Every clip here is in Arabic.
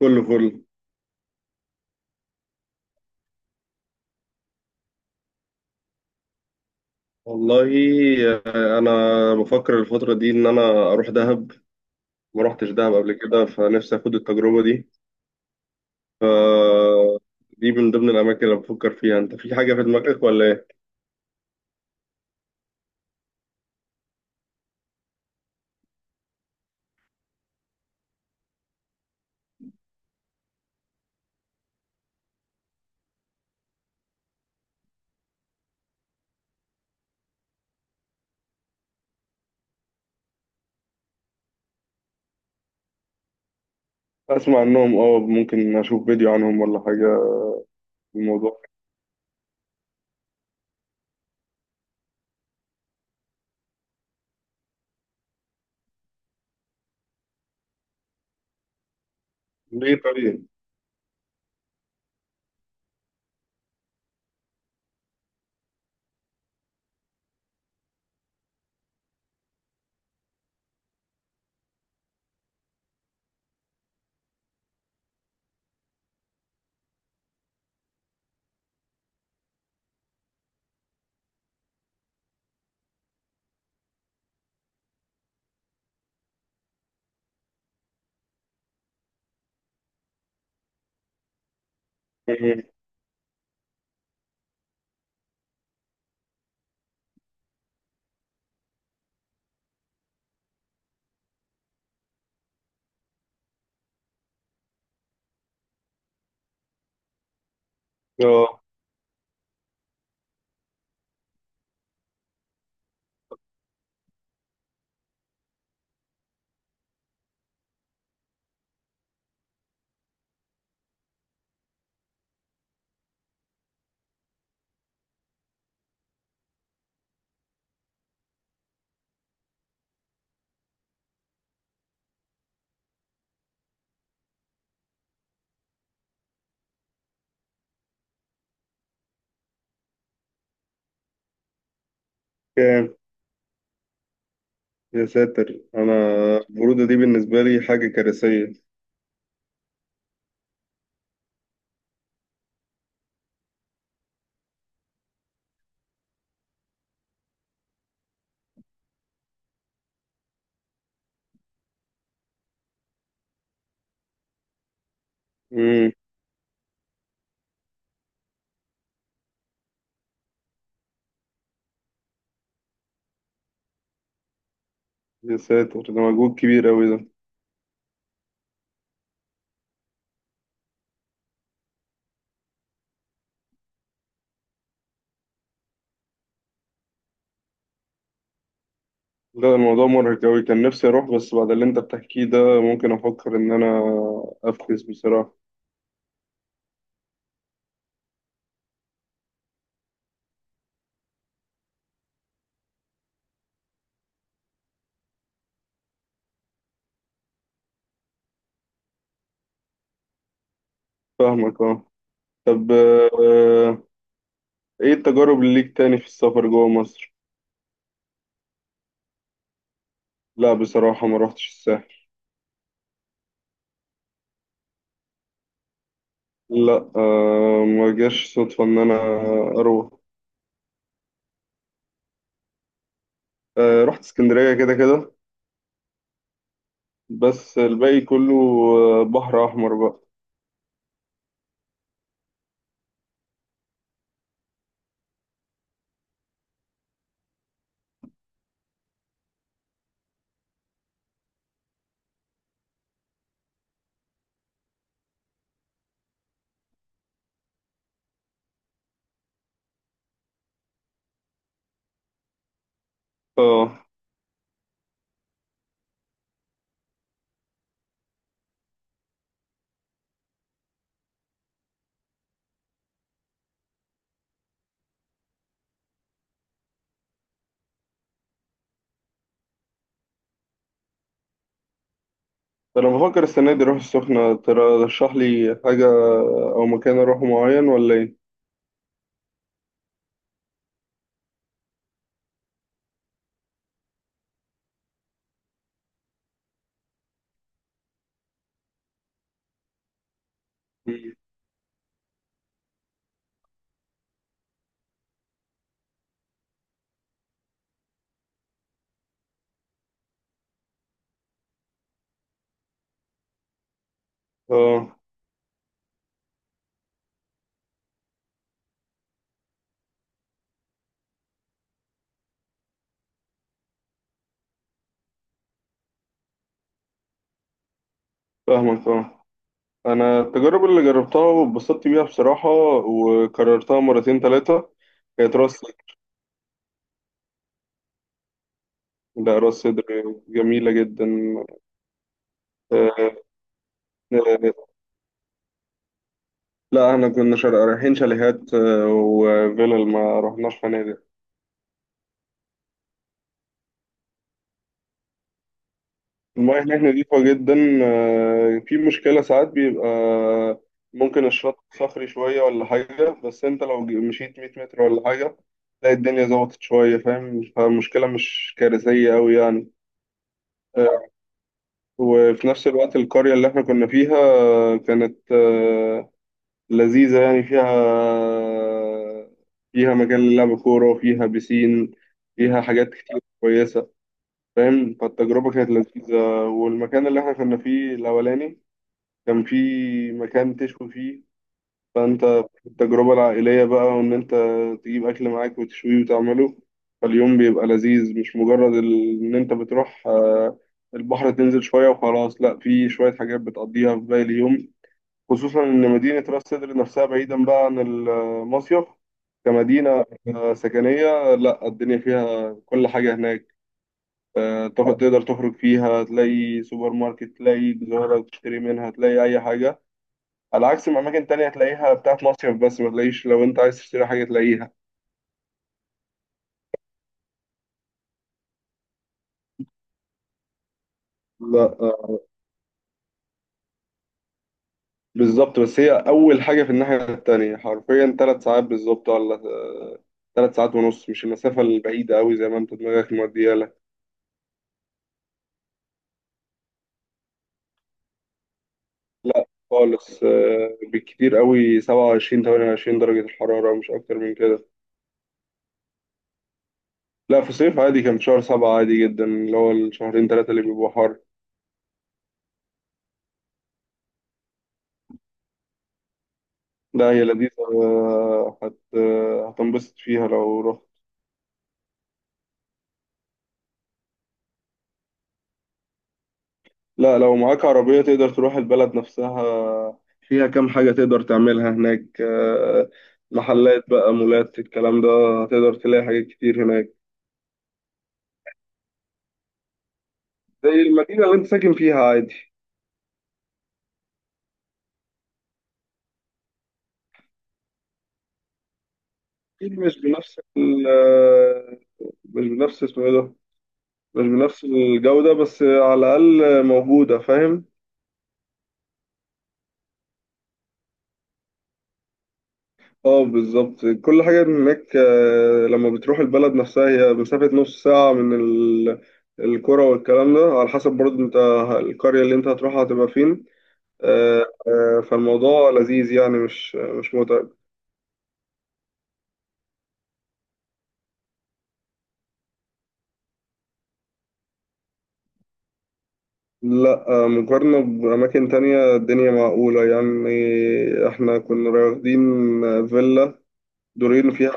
كله كله. والله. انا بفكر الفتره دي ان انا اروح دهب. ما روحتش دهب قبل كده فنفسي اخد التجربه دي. ف دي من ضمن الاماكن اللي بفكر فيها. انت في حاجه في دماغك ولا ايه؟ اسمع عنهم، اه، ممكن اشوف فيديو عنهم ولا حاجه في الموضوع. ليه طيب؟ مم. اه. كام؟ يا ساتر، انا البروده دي بالنسبه لي حاجه كارثيه. امم. يا ساتر، ده مجهود كبير قوي ده. لا، الموضوع مرهق أوي. كان نفسي أروح بس بعد اللي أنت بتحكيه ده ممكن أفكر إن أنا أفكس بصراحة. فاهمك أه. طب، إيه التجارب اللي ليك تاني في السفر جوه مصر؟ لا بصراحة ما روحتش الساحل. لا، ما جاش صدفة إن أنا أروح. رحت اسكندرية كده كده. بس الباقي كله بحر أحمر بقى. أه. فأنا بفكر السنة دي أروح السخنة. ترشح لي حاجة أو مكان أروحه معين ولا إيه؟ مم. أه. فاهمك أه. انا التجارب اللي جربتها واتبسطت بيها بصراحة وكررتها مرتين ثلاثة كانت راس صدر. لا، راس صدر جميلة جدا. آه، آه، لا احنا كنا رايحين شاليهات وفيلل. ما رحناش فنادق. المياه هناك نظيفة جدا. في مشكلة ساعات بيبقى ممكن الشط صخري شوية ولا حاجة. بس انت لو مشيت 100 متر ولا حاجة تلاقي الدنيا ظبطت شوية، فاهم، فالمشكلة مش كارثية أوي يعني. آه، وفي نفس الوقت القرية اللي احنا كنا فيها كانت لذيذة يعني. فيها، فيها مجال للعب كورة وفيها بيسين. فيها حاجات كتير كويسة، فاهم، فالتجربة كانت لذيذة. والمكان اللي احنا كنا فيه الأولاني كان فيه مكان تشوي فيه. فانت التجربة العائلية بقى، وان انت تجيب اكل معاك وتشويه وتعمله. فاليوم بيبقى لذيذ، مش مجرد ان انت بتروح البحر تنزل شوية وخلاص. لا، في شوية حاجات بتقضيها في باقي اليوم، خصوصا ان مدينة راس سدر نفسها بعيدا بقى عن المصيف كمدينة سكنية. لا، الدنيا فيها كل حاجة هناك. تقدر تخرج فيها. تلاقي سوبر ماركت، تلاقي جزارة تشتري منها، تلاقي أي حاجة، على عكس ما اماكن تانية تلاقيها بتاعت مصيف بس ما تلاقيش لو انت عايز تشتري حاجة تلاقيها. لا، بالظبط. بس هي اول حاجة في الناحية التانية حرفيا ثلاث ساعات بالظبط، ولا ثلاث ساعات ونص. مش المسافة البعيدة قوي زي ما انت دماغك مودية لك. لا خالص، بالكتير قوي 27 28 درجة. الحرارة مش اكتر من كده. لا، في صيف عادي. كان في شهر سبعة عادي جدا اللي هو الشهرين ثلاثة اللي بيبقوا حر. لا، هي لذيذة. آه، هت آه، هتنبسط فيها لو رحت. لا، لو معاك عربية تقدر تروح البلد نفسها. فيها كام حاجة تقدر تعملها هناك، محلات بقى، مولات، الكلام ده. هتقدر تلاقي حاجات كتير هناك زي المدينة اللي انت ساكن فيها عادي. أكيد مش بنفس ال آه، مش بنفس اسمه ايه ده. مش بنفس الجودة بس على الأقل موجودة، فاهم. اه، بالظبط. كل حاجة هناك، لما بتروح البلد نفسها هي مسافة نص ساعة من القرى. والكلام ده على حسب برضه انت القرية اللي انت هتروحها هتبقى فين. فالموضوع لذيذ يعني، مش متعب. لا، مقارنة بأماكن تانية الدنيا معقولة يعني. احنا كنا واخدين فيلا دورين فيها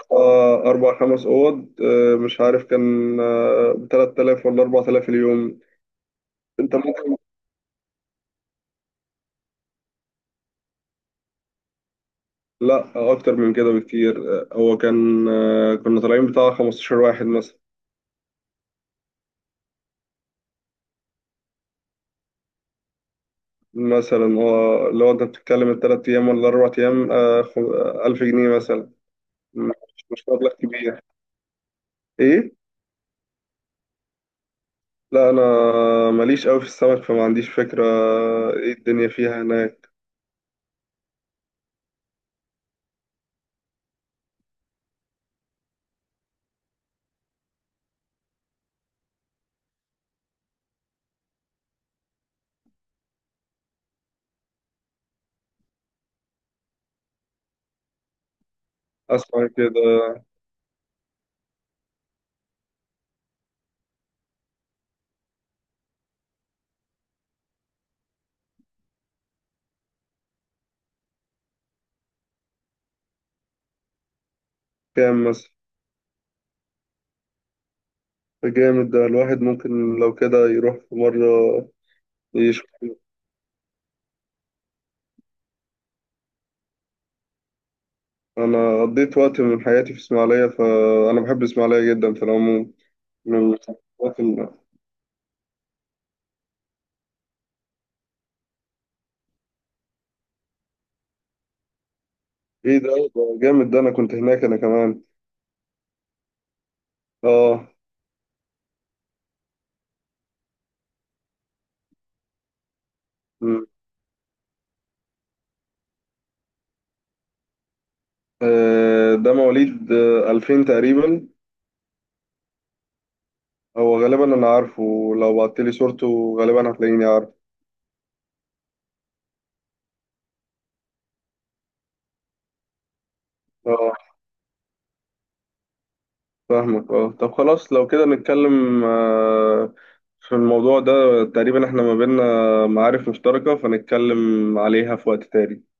أربع خمس أوض، مش عارف كان بتلات آلاف ولا أربع آلاف اليوم. انت ممكن... لا، اكتر من كده بكتير. آه، هو كان آه، كنا طالعين بتاع 15 واحد مثلا. مثلا هو لو انت بتتكلم الثلاث ايام ولا اربع ايام، 1000 جنيه مثلا. مش مبلغ كبير. ايه. لا، انا ماليش قوي في السمك فما عنديش فكرة ايه الدنيا فيها هناك. اسمع كده. كام مثلا؟ جامد ده. الواحد ممكن لو كده يروح في مرة يشوف. أنا قضيت وقت من حياتي في إسماعيلية فأنا بحب إسماعيلية جدا في العموم، من الوقت إيه ده جامد ده. أنا كنت هناك أنا كمان. آه. م. ده مواليد 2000 تقريبا. هو غالبا أنا عارفه. لو بعتلي صورته غالبا هتلاقيني عارف. آه، فاهمك آه. طب خلاص لو كده نتكلم في الموضوع ده. تقريبا إحنا ما بينا معارف مشتركة فنتكلم عليها في وقت تاني.